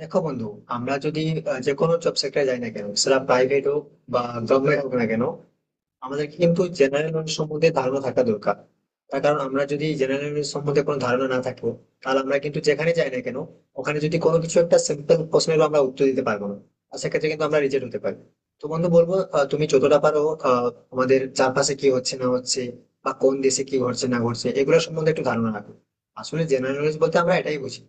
দেখো বন্ধু, আমরা যদি যে কোনো জব সেক্টরে যাই না কেন, সেটা প্রাইভেট হোক বা গভর্নমেন্ট হোক না কেন, আমাদেরকে কিন্তু জেনারেল নলেজ সম্বন্ধে ধারণা থাকা দরকার। তার কারণ আমরা যদি জেনারেল নলেজ সম্বন্ধে কোনো ধারণা না থাকবো, তাহলে আমরা কিন্তু যেখানে যাই না কেন, ওখানে যদি কোনো কিছু একটা সিম্পল প্রশ্নেরও আমরা উত্তর দিতে পারবো না, আর সেক্ষেত্রে কিন্তু আমরা রিজেক্ট হতে পারি। তো বন্ধু বলবো, তুমি যতটা পারো, আহ, আমাদের চারপাশে কি হচ্ছে না হচ্ছে বা কোন দেশে কি ঘটছে না ঘটছে, এগুলো সম্বন্ধে একটু ধারণা রাখো। আসলে জেনারেল নলেজ বলতে আমরা এটাই বুঝি।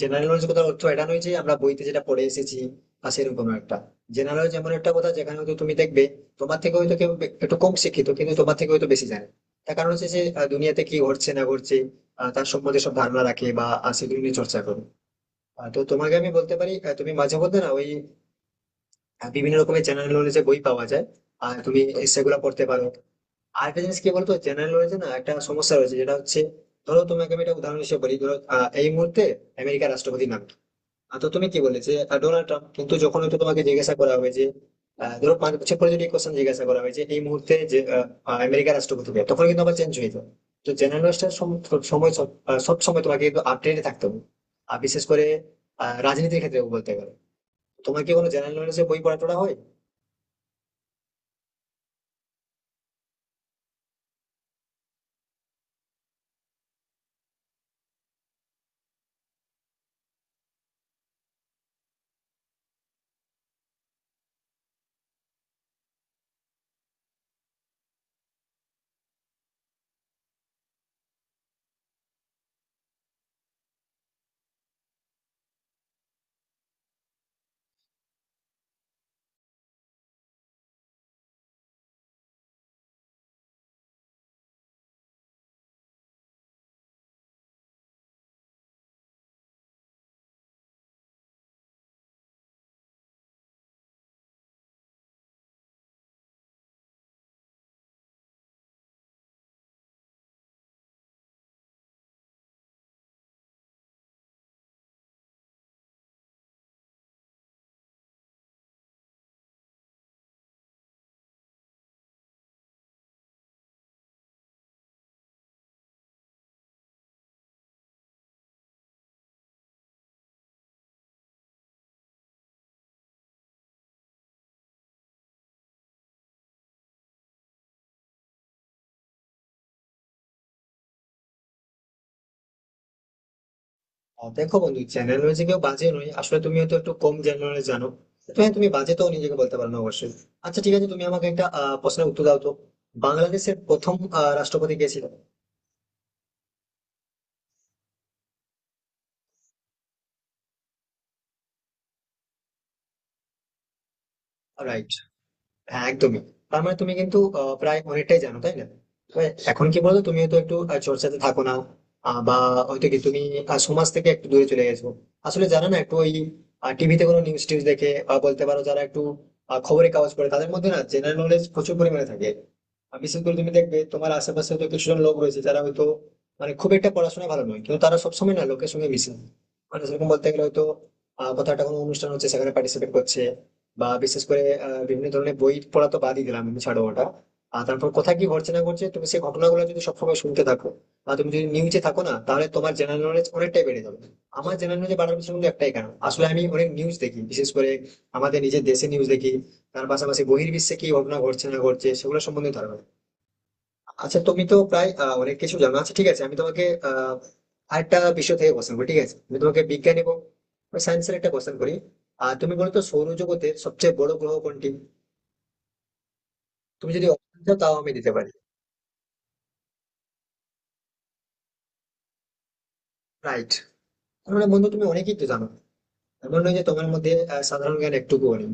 জেনারেল নলেজ কথা অর্থ এটা নয় যে আমরা বইতে যেটা পড়ে এসেছি বা সেরকম একটা। জেনারেল নলেজ এমন একটা কথা যেখানে হয়তো তুমি দেখবে তোমার থেকে হয়তো একটু কম শিক্ষিত, কিন্তু তোমার থেকে হয়তো বেশি জানে। তার কারণ হচ্ছে যে দুনিয়াতে কি ঘটছে না ঘটছে, তার সম্বন্ধে সব ধারণা রাখে বা সেগুলো নিয়ে চর্চা করে। তো তোমাকে আমি বলতে পারি, তুমি মাঝে মধ্যে না ওই বিভিন্ন রকমের জেনারেল নলেজে বই পাওয়া যায়, আর তুমি সেগুলো পড়তে পারো। আর একটা জিনিস কি বলতো, জেনারেল নলেজে না একটা সমস্যা রয়েছে, যেটা হচ্ছে ধরো তোমাকে আমি একটা উদাহরণ হিসেবে বলি। ধরো, এই মুহূর্তে আমেরিকার রাষ্ট্রপতির নাম কি? তো তুমি কি বললে যে ডোনাল্ড ট্রাম্প। কিন্তু যখন হয়তো তোমাকে জিজ্ঞাসা করা হবে যে ধরো 5 বছর পরে যদি কোশ্চেন জিজ্ঞাসা করা হয় যে এই মুহূর্তে যে আহ, আহ, আমেরিকার রাষ্ট্রপতি কে? তখন কিন্তু আবার চেঞ্জ হয়ে যাবে। তো জার্নালিস্টের সব সময় তোমাকে কিন্তু আপডেটে থাকতে হবে। আর বিশেষ করে রাজনীতির ক্ষেত্রে বলতে গেলে, তোমার কি কোনো জেনারেল নলেজে বই পড়া টড়া হয়? দেখো বন্ধু, জেনারেল নলেজে কেউ বাজে নয়। আসলে তুমি হয়তো একটু কম জেনারেল নলেজ জানো, তো হ্যাঁ, তুমি বাজে তো নিজেকে বলতে পারো না অবশ্যই। আচ্ছা, ঠিক আছে, তুমি আমাকে একটা প্রশ্নের উত্তর দাও তো। বাংলাদেশের প্রথম রাষ্ট্রপতি কে ছিল? রাইট। হ্যাঁ, একদমই। তার মানে তুমি কিন্তু প্রায় অনেকটাই জানো, তাই না? তবে এখন কি বলতো, তুমি হয়তো একটু চর্চাতে থাকো না। বা হয়তো কি তুমি সমাজ থেকে একটু দূরে চলে গেছো, আসলে জানো না। একটু ওই টিভিতে কোনো নিউজ টিউজ দেখে বা বলতে পারো যারা একটু খবরের কাগজ পড়ে, তাদের মধ্যে না জেনারেল নলেজ প্রচুর পরিমাণে থাকে। আর বিশেষ করে তুমি দেখবে তোমার আশেপাশে হয়তো কিছুজন লোক রয়েছে যারা হয়তো মানে খুব একটা পড়াশোনা ভালো নয়, কিন্তু তারা সবসময় না লোকের সঙ্গে মিশে, মানে সেরকম বলতে গেলে হয়তো কোথাও একটা কোনো অনুষ্ঠান হচ্ছে, সেখানে পার্টিসিপেট করছে। বা বিশেষ করে বিভিন্ন ধরনের বই পড়া তো বাদই দিলাম, আমি ছাড়ো ওটা। আর তারপর কোথায় কি ঘটছে না ঘটছে, তুমি সেই ঘটনাগুলো যদি সবসময় শুনতে থাকো, বা তুমি যদি নিউজে থাকো না, তাহলে তোমার জেনারেল নলেজ অনেকটাই বেড়ে যাবে। আমার জেনারেল নলেজ বাড়ার পিছনে কিন্তু একটাই কারণ, আসলে আমি অনেক নিউজ দেখি, বিশেষ করে আমাদের নিজের দেশে নিউজ দেখি। তার পাশাপাশি বহির্বিশ্বে কি ঘটনা ঘটছে না ঘটছে, সেগুলো সম্বন্ধে ধারণা। আচ্ছা, তুমি তো প্রায় অনেক কিছু জানো। আচ্ছা, ঠিক আছে, আমি তোমাকে আরেকটা বিষয় থেকে কোশ্চেন করি। ঠিক আছে, আমি তোমাকে বিজ্ঞান এবং সায়েন্সের একটা কোশ্চেন করি। আর তুমি বলো তো, সৌরজগতের সবচেয়ে বড় গ্রহ কোনটি? তুমি যদি অপশন দাও, তাও আমি দিতে পারি। রাইট। মানে বন্ধু, তুমি অনেকেই তো জানো। এমন নয় যে তোমার মধ্যে সাধারণ জ্ঞান একটুকুও নেই।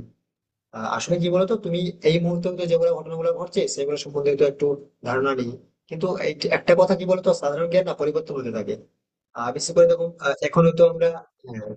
আসলে কি বলতো তুমি এই মুহূর্তে তো যেগুলো ঘটনাগুলো ঘটছে, সেগুলো সম্বন্ধে তো একটু ধারণা নেই। কিন্তু এই যে একটা কথা কি বলতো, সাধারণ জ্ঞান না পরিবর্তন হতে থাকে। বিশেষ করে দেখো, এখন তো আমরা। হ্যাঁ।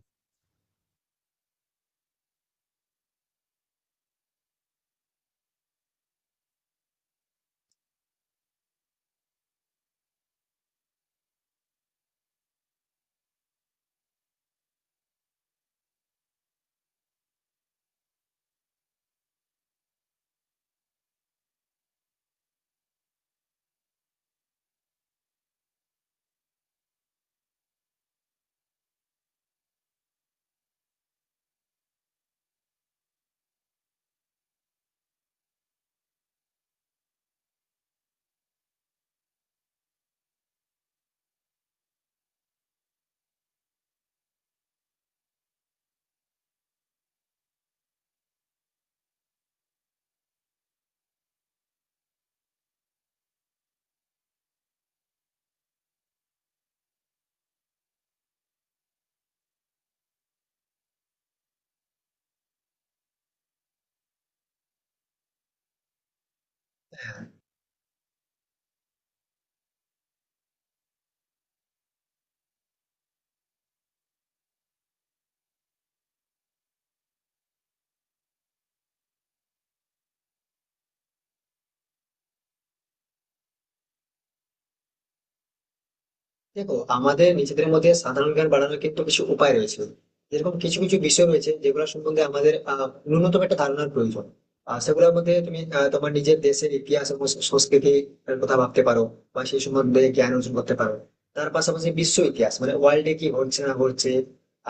দেখো, আমাদের নিজেদের মধ্যে সাধারণ জ্ঞান বাড়ানোর কিন্তু কিছু উপায় রয়েছে। যেরকম কিছু কিছু বিষয় রয়েছে যেগুলো সম্বন্ধে আমাদের ন্যূনতম একটা ধারণার প্রয়োজন। আর সেগুলোর মধ্যে তুমি তোমার নিজের দেশের ইতিহাস এবং সংস্কৃতি কথা ভাবতে পারো, বা সেই সম্বন্ধে জ্ঞান অর্জন করতে পারো। তার পাশাপাশি বিশ্ব ইতিহাস, মানে ওয়ার্ল্ডে কি ঘটছে না ঘটছে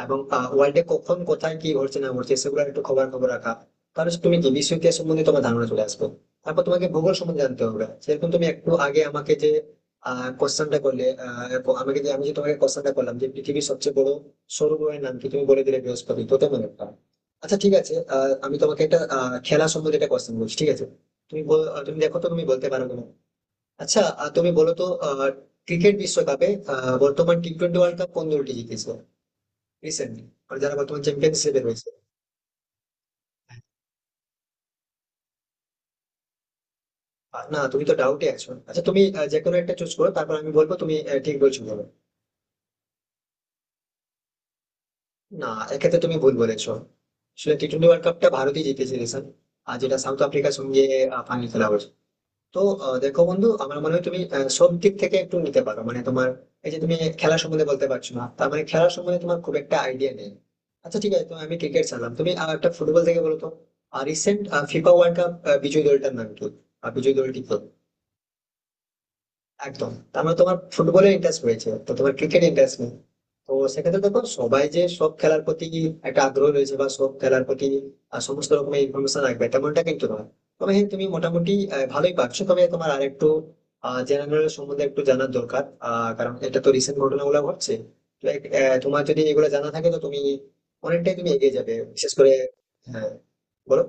এবং ওয়ার্ল্ডে কখন কোথায় কি ঘটছে না ঘটছে সেগুলোর একটু খবর খবর রাখা। তাহলে তুমি কি বিশ্ব ইতিহাস সম্বন্ধে তোমার ধারণা চলে আসবে। তারপর তোমাকে ভূগোল সম্বন্ধে জানতে হবে। সেরকম তুমি একটু আগে আমাকে যে কোশ্চেনটা করলে, এরপর আমাকে যে আমি যে তোমাকে কোশ্চেনটা করলাম যে পৃথিবীর সবচেয়ে বড় সৌর গ্রহের নাম কি, তুমি বলে দিলে বৃহস্পতি, তো তেমন একটা। আচ্ছা, ঠিক আছে, আমি তোমাকে একটা খেলা সম্বন্ধে একটা কোশ্চেন বলছি, ঠিক আছে? তুমি দেখো তো তুমি বলতে পারো কিনা। আচ্ছা, তুমি বলো তো, ক্রিকেট বিশ্বকাপে বর্তমান টি টোয়েন্টি ওয়ার্ল্ড কাপ কোন দলটি জিতেছে রিসেন্টলি, যারা বর্তমান চ্যাম্পিয়নশিপে রয়েছে? না, তুমি তো ডাউটে আছো। আচ্ছা, তুমি যে কোনো একটা চুজ করো, তারপর আমি বলবো তুমি ঠিক বলছো, বলো। না, এক্ষেত্রে তুমি ভুল বলেছো। আসলে টি টোয়েন্টি ওয়ার্ল্ড কাপটা ভারতই জিতেছিল স্যার। আর যেটা সাউথ আফ্রিকার সঙ্গে ফাইনাল খেলা হয়েছে। তো দেখো বন্ধু, আমার মনে হয় তুমি সব দিক থেকে একটু নিতে পারো। মানে তোমার এই যে তুমি খেলা সম্বন্ধে বলতে পারছো না, তার মানে খেলা সম্বন্ধে তোমার খুব একটা আইডিয়া নেই। আচ্ছা, ঠিক আছে, তো আমি ক্রিকেট ছাড়লাম, তুমি আর একটা ফুটবল থেকে বলো তো। আর রিসেন্ট ফিফা ওয়ার্ল্ড কাপ বিজয়ী দলটার নাম কি? আর বিজয়ী দলটি কি? একদম। তার মানে তোমার ফুটবলের ইন্টারেস্ট রয়েছে, তো তোমার ক্রিকেট ইন্টারেস্ট নেই। তো সেক্ষেত্রে দেখো, সবাই যে সব খেলার প্রতি একটা আগ্রহ রয়েছে বা সব খেলার প্রতি সমস্ত রকমের ইনফরমেশন রাখবে, তেমনটা কিন্তু নয়। তবে হ্যাঁ, তুমি মোটামুটি ভালোই পারছো। তবে তোমার আর একটু জেনারেল সম্বন্ধে একটু জানার দরকার। কারণ এটা তো রিসেন্ট ঘটনাগুলো ঘটছে। তো তোমার যদি এগুলো জানা থাকে, তো তুমি অনেকটাই তুমি এগিয়ে যাবে, বিশেষ করে। হ্যাঁ, বলো।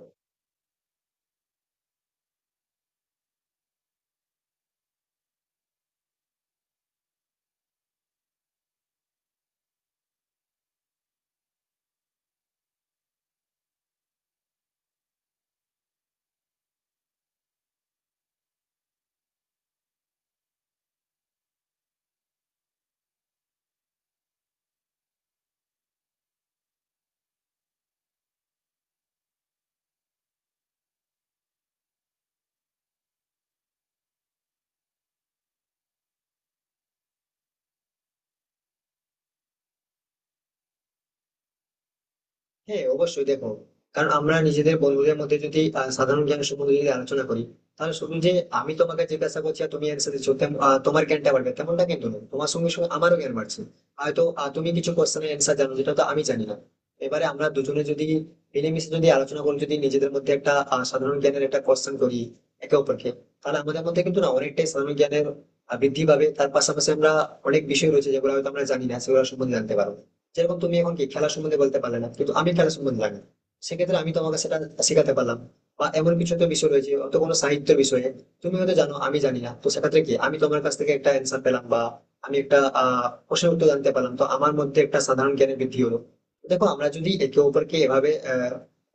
হ্যাঁ, অবশ্যই। দেখো, কারণ আমরা নিজেদের বন্ধুদের মধ্যে যদি সাধারণ জ্ঞান সম্বন্ধে যদি আলোচনা করি, তাহলে শুধু যে আমি তোমাকে জিজ্ঞাসা করছি আর তুমি অ্যান্সার দিচ্ছ, তোমার জ্ঞানটা বাড়বে তেমনটা কিন্তু নয়, তোমার সঙ্গে সঙ্গে আমারও জ্ঞান বাড়ছে। হয়তো তুমি কিছু কোশ্চেনের অ্যান্সার জানো যেটা তো আমি জানি না। এবারে আমরা দুজনে যদি মিলেমিশে যদি আলোচনা করি, যদি নিজেদের মধ্যে একটা সাধারণ জ্ঞানের একটা কোশ্চেন করি একে অপরকে, তাহলে আমাদের মধ্যে কিন্তু না অনেকটাই সাধারণ জ্ঞানের বৃদ্ধি পাবে। তার পাশাপাশি আমরা অনেক বিষয় রয়েছে যেগুলো হয়তো আমরা জানি না, সেগুলো সম্বন্ধে জানতে পারবো। যেরকম তুমি এখন কি খেলা সম্বন্ধে বলতে পারলে না, কিন্তু আমি খেলা সম্বন্ধে জানি, সেক্ষেত্রে আমি তোমাকে সেটা শেখাতে পারলাম। বা এমন কিছু তো বিষয় রয়েছে অত কোনো সাহিত্যের বিষয়ে তুমি হয়তো জানো, আমি জানি না, তো সেক্ষেত্রে কি আমি তোমার কাছ থেকে একটা অ্যান্সার পেলাম বা আমি একটা প্রশ্নের উত্তর জানতে পারলাম, তো আমার মধ্যে একটা সাধারণ জ্ঞানের বৃদ্ধি হলো। দেখো, আমরা যদি একে অপরকে এভাবে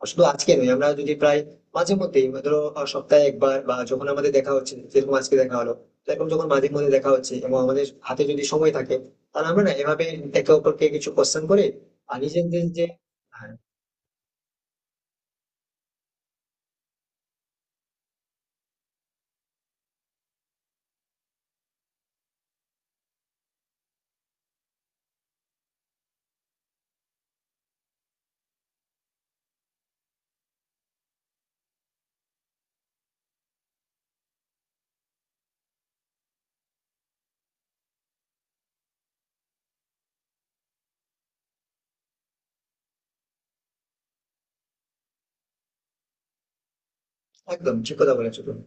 শুধু আজকে নয়, আমরা যদি প্রায় মাঝে মধ্যেই ধরো সপ্তাহে 1 বার বা যখন আমাদের দেখা হচ্ছে, যেরকম আজকে দেখা হলো, তো এরকম যখন মাঝে মধ্যে দেখা হচ্ছে এবং আমাদের হাতে যদি সময় থাকে আর আমরা না এভাবে একে অপরকে কিছু কোশ্চেন করে আর নিজেদের যে। হ্যাঁ, একদম ঠিক কথা বলেছো তুমি।